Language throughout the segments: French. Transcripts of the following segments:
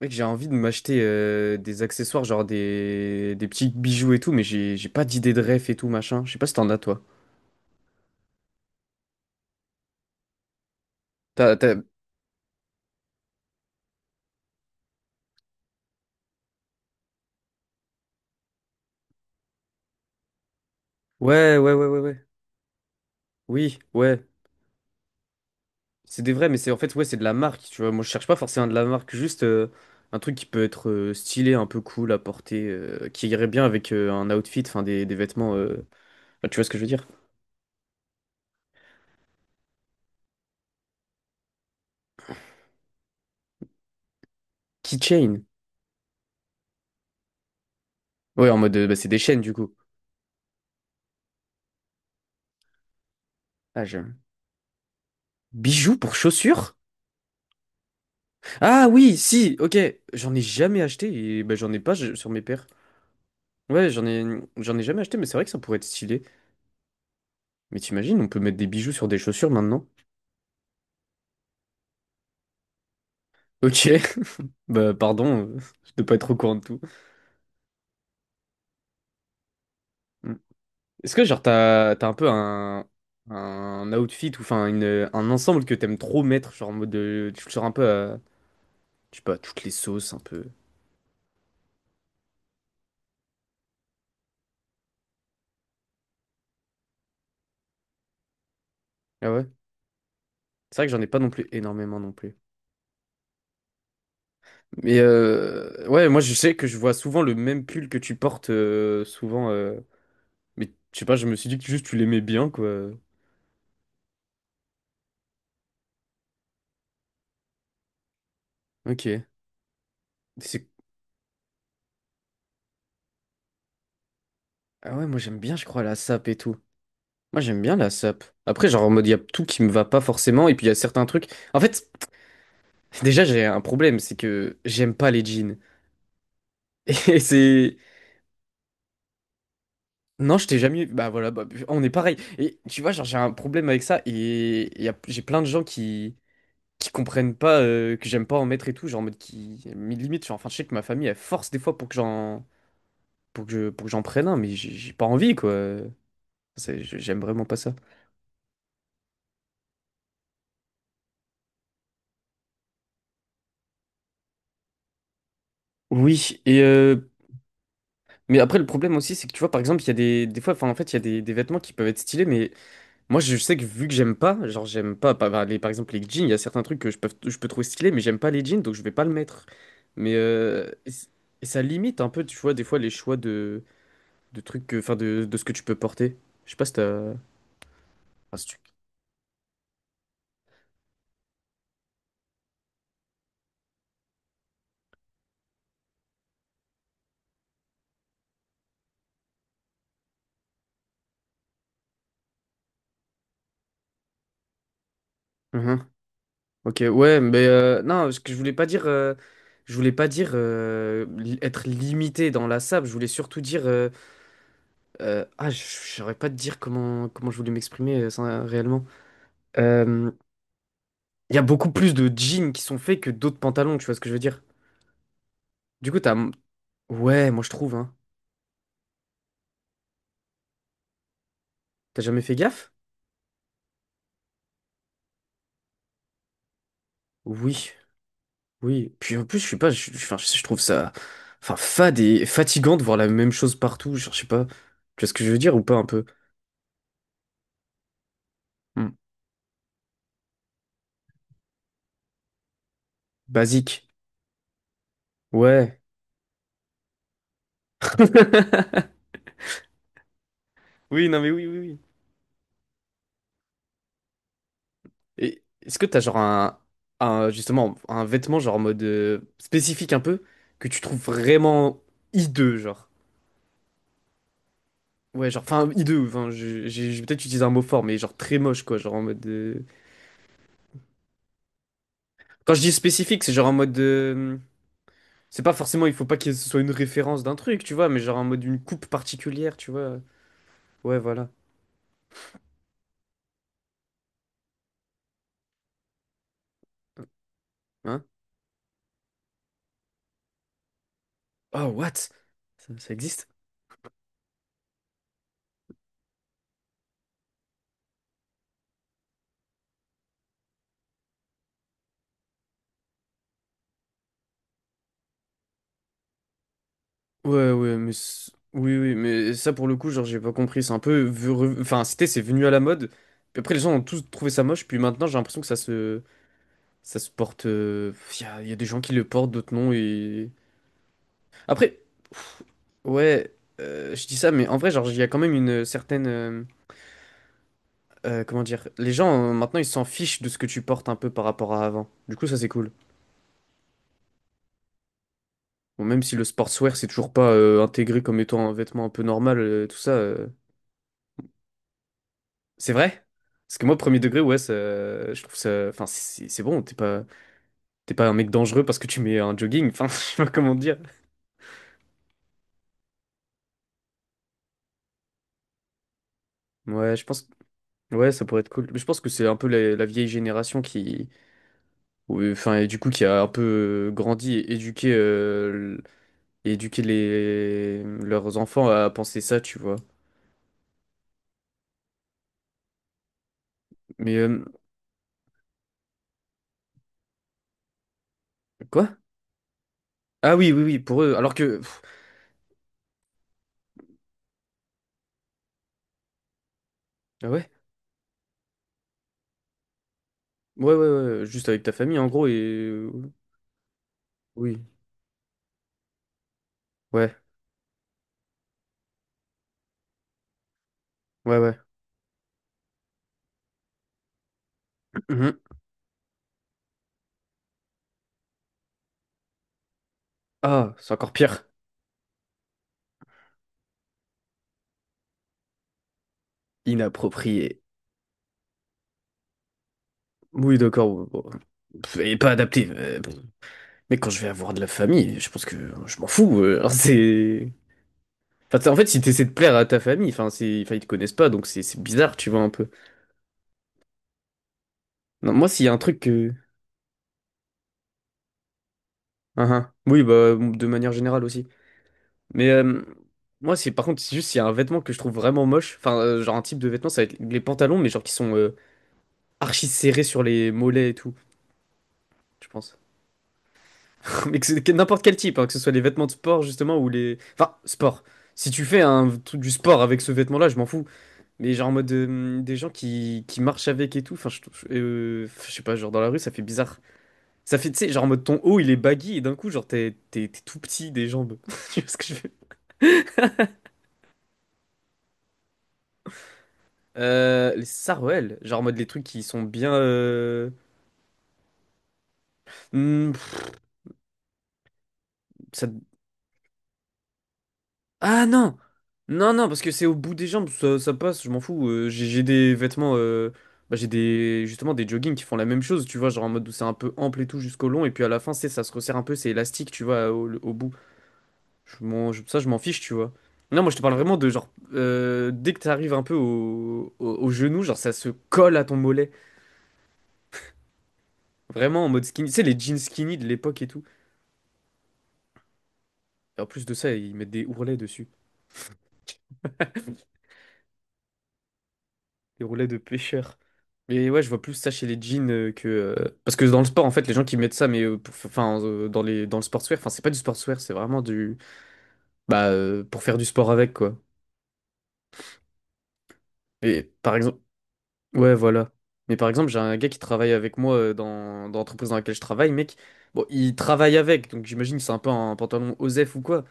Mec, j'ai envie de m'acheter des accessoires, genre des petits bijoux et tout, mais j'ai pas d'idée de ref et tout, machin. Je sais pas si t'en as, toi. T'as, t'as- Ouais, ouais, ouais, ouais, ouais. Oui, ouais. C'est des vrais, mais c'est en fait, ouais, c'est de la marque, tu vois. Moi, je cherche pas forcément de la marque, juste un truc qui peut être stylé, un peu cool à porter, qui irait bien avec un outfit, enfin, des vêtements, enfin, tu vois ce que je veux dire? Keychain. Ouais, en mode, bah, c'est des chaînes, du coup. Ah, j'ai un- Bijoux pour chaussures? Ah oui, si, ok. J'en ai jamais acheté et bah, j'en ai pas je- sur mes paires. Ouais, j'en ai jamais acheté, mais c'est vrai que ça pourrait être stylé. Mais t'imagines, on peut mettre des bijoux sur des chaussures maintenant? Ok, bah pardon de pas être au courant de tout. Mm. Est-ce que genre t'as, t'as un peu un outfit ou enfin une, un ensemble que t'aimes trop mettre, genre en mode de, tu le sors un peu à, je sais pas, toutes les sauces un peu. Ah ouais? C'est vrai que j'en ai pas non plus énormément non plus. Mais ouais, moi je sais que je vois souvent le même pull que tu portes euh, souvent, mais je sais pas, je me suis dit que juste tu l'aimais bien, quoi. Ok. C'est- Ah ouais, moi j'aime bien, je crois, la sape et tout. Moi j'aime bien la sape. Après, genre en mode, il y a tout qui me va pas forcément, et puis il y a certains trucs. En fait, déjà j'ai un problème, c'est que j'aime pas les jeans. Et c'est. Non, je t'ai jamais. Bah voilà, bah, on est pareil. Et tu vois, genre j'ai un problème avec ça, et j'ai plein de gens qui. Qui comprennent pas que j'aime pas en mettre et tout, genre en mode qui mais limite genre enfin je sais que ma famille elle force des fois pour que j'en pour que j'en prenne un mais j'ai pas envie quoi. J'aime vraiment pas ça. Oui, et mais après le problème aussi c'est que tu vois par exemple, il y a des fois enfin en fait, il y a des vêtements qui peuvent être stylés mais moi je sais que vu que j'aime pas, genre j'aime pas par par- les par exemple les jeans, il y a certains trucs que je peux trouver stylés mais j'aime pas les jeans donc je vais pas le mettre. Mais et ça limite un peu tu vois des fois les choix de trucs que enfin de ce que tu peux porter. Je sais pas si t'as Parce que- Mhm. Ok, ouais, mais non, ce que je voulais pas dire, je voulais pas dire li- être limité dans la sable. Je voulais surtout dire, ah, je saurais pas te dire comment je voulais m'exprimer ça, réellement. Euh, Il y a beaucoup plus de jeans qui sont faits que d'autres pantalons. Tu vois ce que je veux dire? Du coup, t'as... Ouais, moi je trouve, hein. T'as jamais fait gaffe? Oui, oui. Puis en plus, je suis pas... enfin, je trouve ça... Enfin, fade et fatigant de voir la même chose partout. Genre, je sais pas... Tu vois ce que je veux dire ou pas un peu? Hmm. Basique. Ouais. Oui, non mais oui, oui, oui. Et est-ce que t'as genre un, justement un vêtement genre en mode spécifique un peu que tu trouves vraiment hideux genre? Ouais, genre enfin hideux, j'ai peut-être utilisé un mot fort mais genre très moche quoi, genre en mode quand je dis spécifique, c'est genre en mode. De, c'est pas forcément, il faut pas que ce soit une référence d'un truc, tu vois, mais genre en mode une coupe particulière, tu vois. Ouais, voilà. Hein? Oh, what? Ça existe? Ouais, ouais, oui, oui, mais ça pour le coup, genre, j'ai pas compris. C'est un peu. Enfin, c'est venu à la mode. Puis après, les gens ont tous trouvé ça moche, puis maintenant, j'ai l'impression que ça se. Ça se porte, il y a, y a des gens qui le portent, d'autres non, et. Après, ouais, je dis ça, mais en vrai, genre, il y a quand même une certaine, comment dire, les gens maintenant ils s'en fichent de ce que tu portes un peu par rapport à avant. Du coup, ça c'est cool. Bon, même si le sportswear c'est toujours pas intégré comme étant un vêtement un peu normal, tout ça, c'est vrai. Parce que moi, premier degré, ouais, ça, je trouve ça. Enfin, c'est bon, t'es pas un mec dangereux parce que tu mets un jogging. Enfin, je sais pas comment dire. Ouais, je pense. Ouais, ça pourrait être cool. Mais je pense que c'est un peu la vieille génération qui. Ouais, enfin, et du coup, qui a un peu grandi et éduqué, et éduqué leurs enfants à penser ça, tu vois. Mais quoi? Ah oui, oui, oui, pour eux. Alors que. Pff, ah ouais? Ouais, ouais, ouais, ouais, juste avec ta famille en gros et. Oui. Ouais, ouais, ouais. Mhm. Ah, c'est encore pire. Inapproprié. Oui, d'accord. bon, bon. Pff, et pas adapté. Pff. Mais quand je vais avoir de la famille, je pense que je m'en fous. C'est. Enfin, t'sais, en fait, si t'essaies de plaire à ta famille, enfin, c'est... enfin, ils te connaissent pas, donc c'est bizarre, tu vois, un peu. Non, moi, s'il y a un truc que. Ah, ah. Oui, bah, de manière générale aussi. Mais moi, c'est par contre, c'est juste, il y a un vêtement que je trouve vraiment moche. Enfin, genre un type de vêtement, ça va être les pantalons, mais genre qui sont archi serrés sur les mollets et tout, je pense. Mais que c'est que n'importe quel type, hein, que ce soit les vêtements de sport, justement, ou les. Enfin, sport. Si tu fais un truc du sport avec ce vêtement-là, je m'en fous. Mais genre en mode des gens qui marchent avec et tout. Enfin, je sais pas, genre dans la rue, ça fait bizarre. Ça fait, tu sais, genre en mode ton haut, il est baggy et d'un coup, genre t'es tout petit des jambes. Tu vois ce que je veux euh, les Sarouel, genre en mode les trucs qui sont bien. Hmm, pff, ça... Ah non! Non, non, parce que c'est au bout des jambes, ça passe, je m'en fous. J'ai des vêtements. Bah, j'ai des justement des joggings qui font la même chose, tu vois, genre en mode où c'est un peu ample et tout jusqu'au long, et puis à la fin, c'est ça se resserre un peu, c'est élastique, tu vois, au bout. Ça, je m'en fiche, tu vois. Non, moi je te parle vraiment de genre. Dès que t'arrives un peu au genou, genre ça se colle à ton mollet. Vraiment en mode skinny. Tu sais, les jeans skinny de l'époque et tout. Et en plus de ça, ils mettent des ourlets dessus, des ourlets de pêcheurs. Mais ouais, je vois plus ça chez les jeans que parce que dans le sport en fait, les gens qui mettent ça mais enfin dans les dans le sportswear, enfin c'est pas du sportswear, c'est vraiment du bah pour faire du sport avec quoi. Et par exemple, ouais, voilà. Mais par exemple, j'ai un gars qui travaille avec moi dans l'entreprise dans laquelle je travaille, mec. Bon, il travaille avec, donc j'imagine que c'est un peu un pantalon OSEF ou quoi.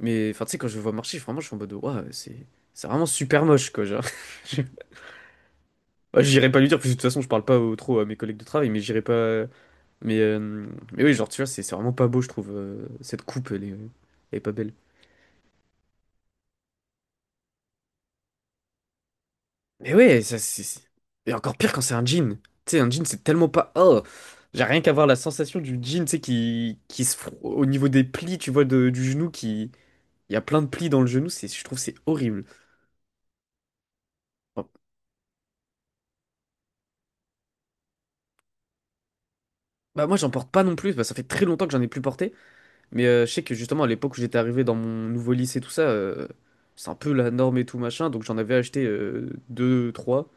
Mais enfin tu sais quand je le vois marcher, vraiment je suis en mode ouais, c'est vraiment super moche quoi, genre. Bah, j'irai pas lui dire, parce que de toute façon, je parle pas au- trop à mes collègues de travail, mais j'irai pas. Mais, oui, genre, tu vois, c'est vraiment pas beau, je trouve. Cette coupe, elle est pas belle. Mais ouais, ça, et encore pire quand c'est un jean. Tu sais, un jean, c'est tellement pas. Oh! J'ai rien qu'à voir la sensation du jean, tu sais, qui se. Fro- au niveau des plis, tu vois, de- du genou, qui. Il y a plein de plis dans le genou, c'est, je trouve, c'est horrible. Bon, bah, moi, j'en porte pas non plus, bah, ça fait très longtemps que j'en ai plus porté. Mais je sais que justement, à l'époque où j'étais arrivé dans mon nouveau lycée, tout ça, c'est un peu la norme et tout machin. Donc j'en avais acheté deux, trois,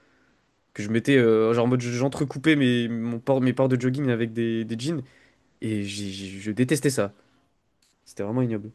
que je mettais, genre en mode j'entrecoupais mon port, mes ports de jogging avec des jeans. Et je détestais ça. C'était vraiment ignoble.